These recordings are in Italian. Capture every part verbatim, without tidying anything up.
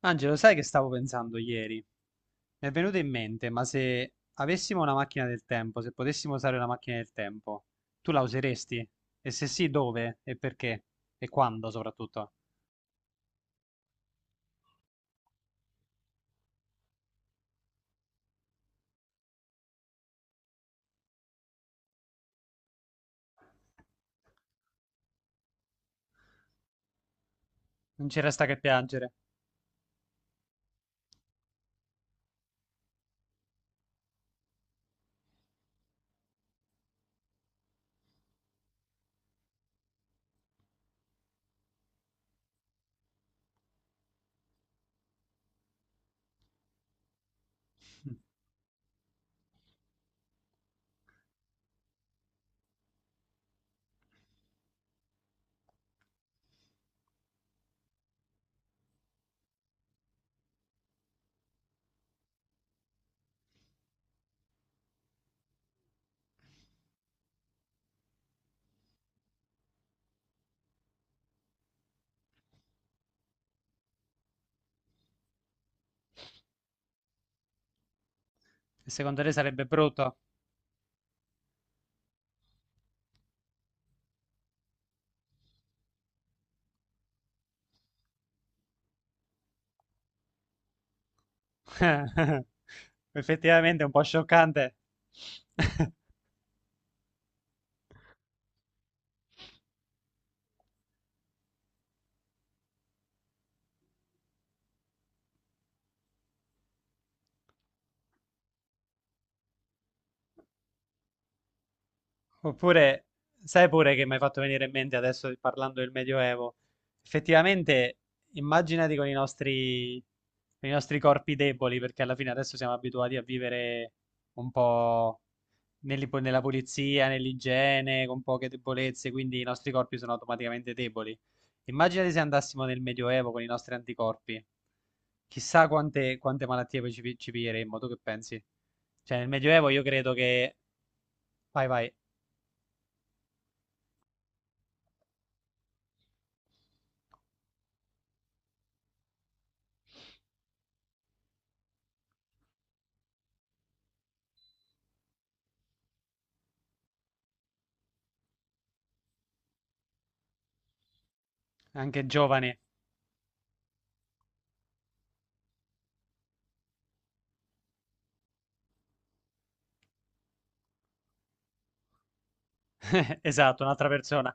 Angelo, sai che stavo pensando ieri? Mi è venuto in mente, ma se avessimo una macchina del tempo, se potessimo usare una macchina del tempo, tu la useresti? E se sì, dove? E perché? E quando soprattutto? Non ci resta che piangere. E secondo te sarebbe brutto? Effettivamente è un po' scioccante. Oppure, sai pure che mi hai fatto venire in mente adesso parlando del Medioevo. Effettivamente, immaginati con i nostri, con i nostri corpi deboli, perché alla fine adesso siamo abituati a vivere un po' nell'i- nella pulizia, nell'igiene, con poche debolezze, quindi i nostri corpi sono automaticamente deboli. Immaginati se andassimo nel Medioevo con i nostri anticorpi. Chissà quante, quante malattie poi ci, ci piglieremmo, tu che pensi? Cioè, nel Medioevo io credo che... Vai, vai, anche giovane. Esatto, un'altra persona.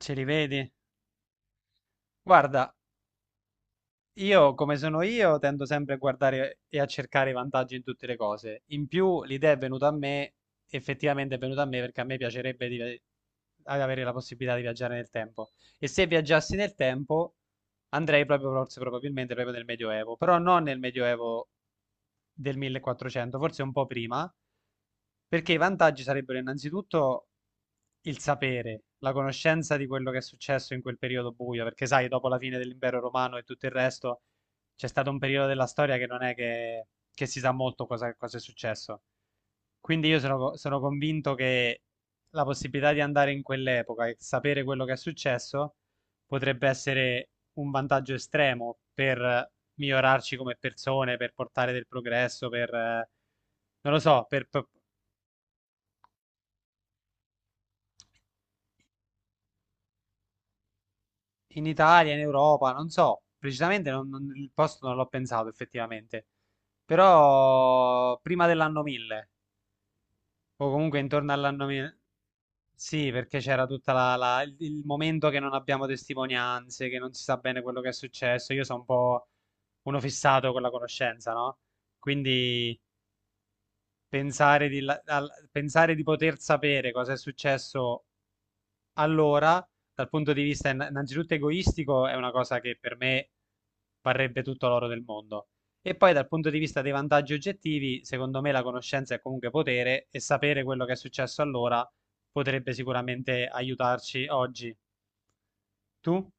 Ce li vedi? Guarda, io come sono io tendo sempre a guardare e a cercare i vantaggi in tutte le cose. In più, l'idea è venuta a me, effettivamente è venuta a me perché a me piacerebbe di- ad avere la possibilità di viaggiare nel tempo. E se viaggiassi nel tempo, andrei proprio, forse probabilmente proprio nel Medioevo, però non nel Medioevo del millequattrocento, forse un po' prima, perché i vantaggi sarebbero innanzitutto il sapere, la conoscenza di quello che è successo in quel periodo buio, perché sai, dopo la fine dell'impero romano e tutto il resto, c'è stato un periodo della storia che non è che, che si sa molto cosa, cosa è successo. Quindi io sono, co- sono convinto che la possibilità di andare in quell'epoca e sapere quello che è successo potrebbe essere un vantaggio estremo per migliorarci come persone, per portare del progresso, per, eh, non lo so, per, per in Italia, in Europa, non so, precisamente non- non- il posto non l'ho pensato effettivamente, però prima dell'anno mille, o comunque intorno all'anno mille, sì, perché c'era tutta la, la- il, il momento che non abbiamo testimonianze, che non si sa bene quello che è successo, io sono un po' uno fissato con la conoscenza, no? Quindi pensare di, la- al- pensare di poter sapere cosa è successo. Allora, dal punto di vista inna- innanzitutto egoistico, è una cosa che per me varrebbe tutto l'oro del mondo. E poi dal punto di vista dei vantaggi oggettivi, secondo me la conoscenza è comunque potere e sapere quello che è successo allora potrebbe sicuramente aiutarci oggi. Tu?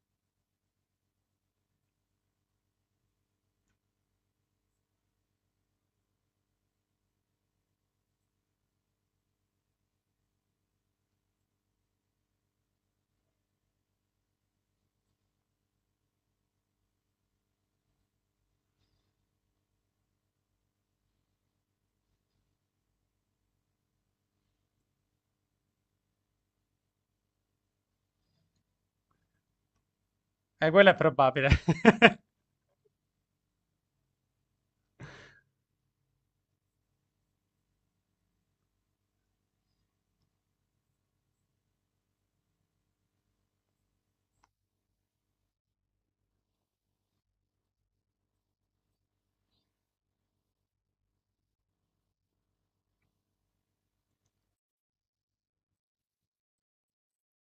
Eh, quello è probabile.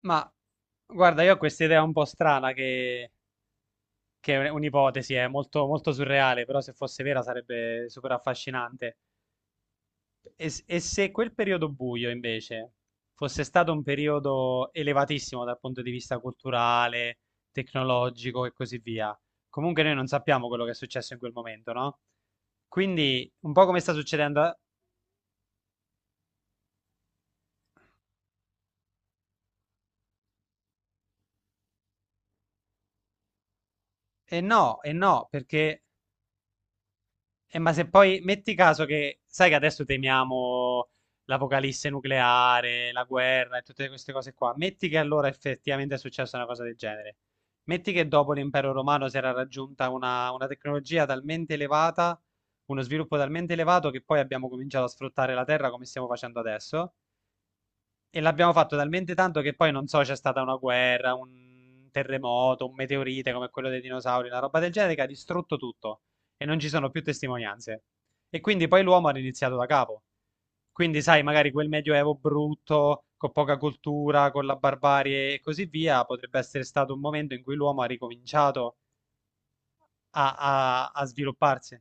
Ma guarda, io ho questa idea un po' strana che, che è un'ipotesi, è molto, molto surreale, però se fosse vera sarebbe super affascinante. E, s- e se quel periodo buio invece fosse stato un periodo elevatissimo dal punto di vista culturale, tecnologico e così via, comunque noi non sappiamo quello che è successo in quel momento, no? Quindi un po' come sta succedendo... eh, E no, e no, perché eh, ma se poi metti caso che, sai che adesso temiamo l'apocalisse nucleare, la guerra e tutte queste cose qua, metti che allora effettivamente è successa una cosa del genere. Metti che dopo l'impero romano si era raggiunta una, una tecnologia talmente elevata, uno sviluppo talmente elevato che poi abbiamo cominciato a sfruttare la terra come stiamo facendo adesso. E l'abbiamo fatto talmente tanto che poi non so, c'è stata una guerra, un terremoto, un meteorite come quello dei dinosauri, una roba del genere che ha distrutto tutto e non ci sono più testimonianze. E quindi poi l'uomo ha riniziato da capo. Quindi, sai, magari quel medioevo brutto, con poca cultura, con la barbarie e così via, potrebbe essere stato un momento in cui l'uomo ha ricominciato a, a- a svilupparsi.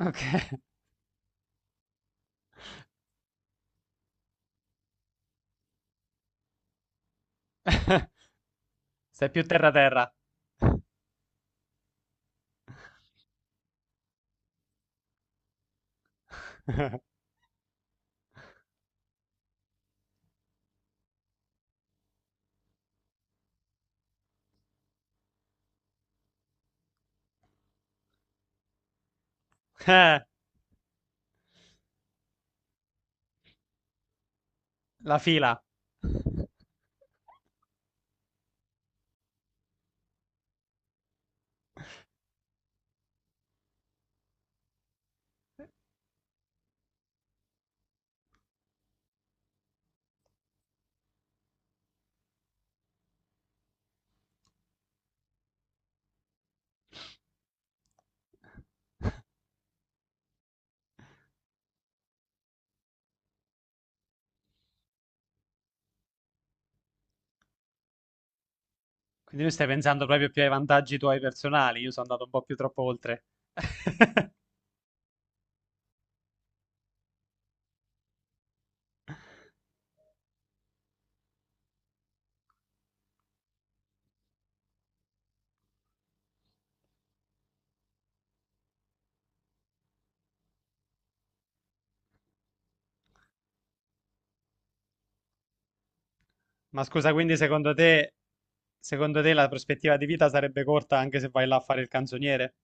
Ok. Sei più terra-terra. Eh, la fila. Quindi tu stai pensando proprio più ai vantaggi tuoi personali, io sono andato un po' più troppo oltre. Ma scusa, quindi secondo te, secondo te la prospettiva di vita sarebbe corta anche se vai là a fare il canzoniere?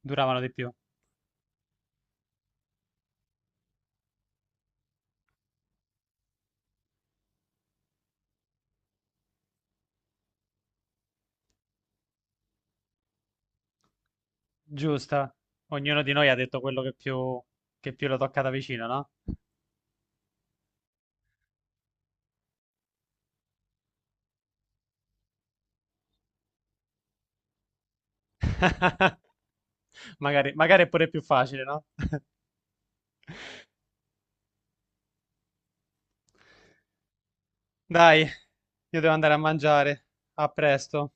Duravano di più. Giusta. Ognuno di noi ha detto quello che più, che più lo tocca da vicino, no? Magari, magari è pure più facile, no? Dai, io devo andare a mangiare. A presto.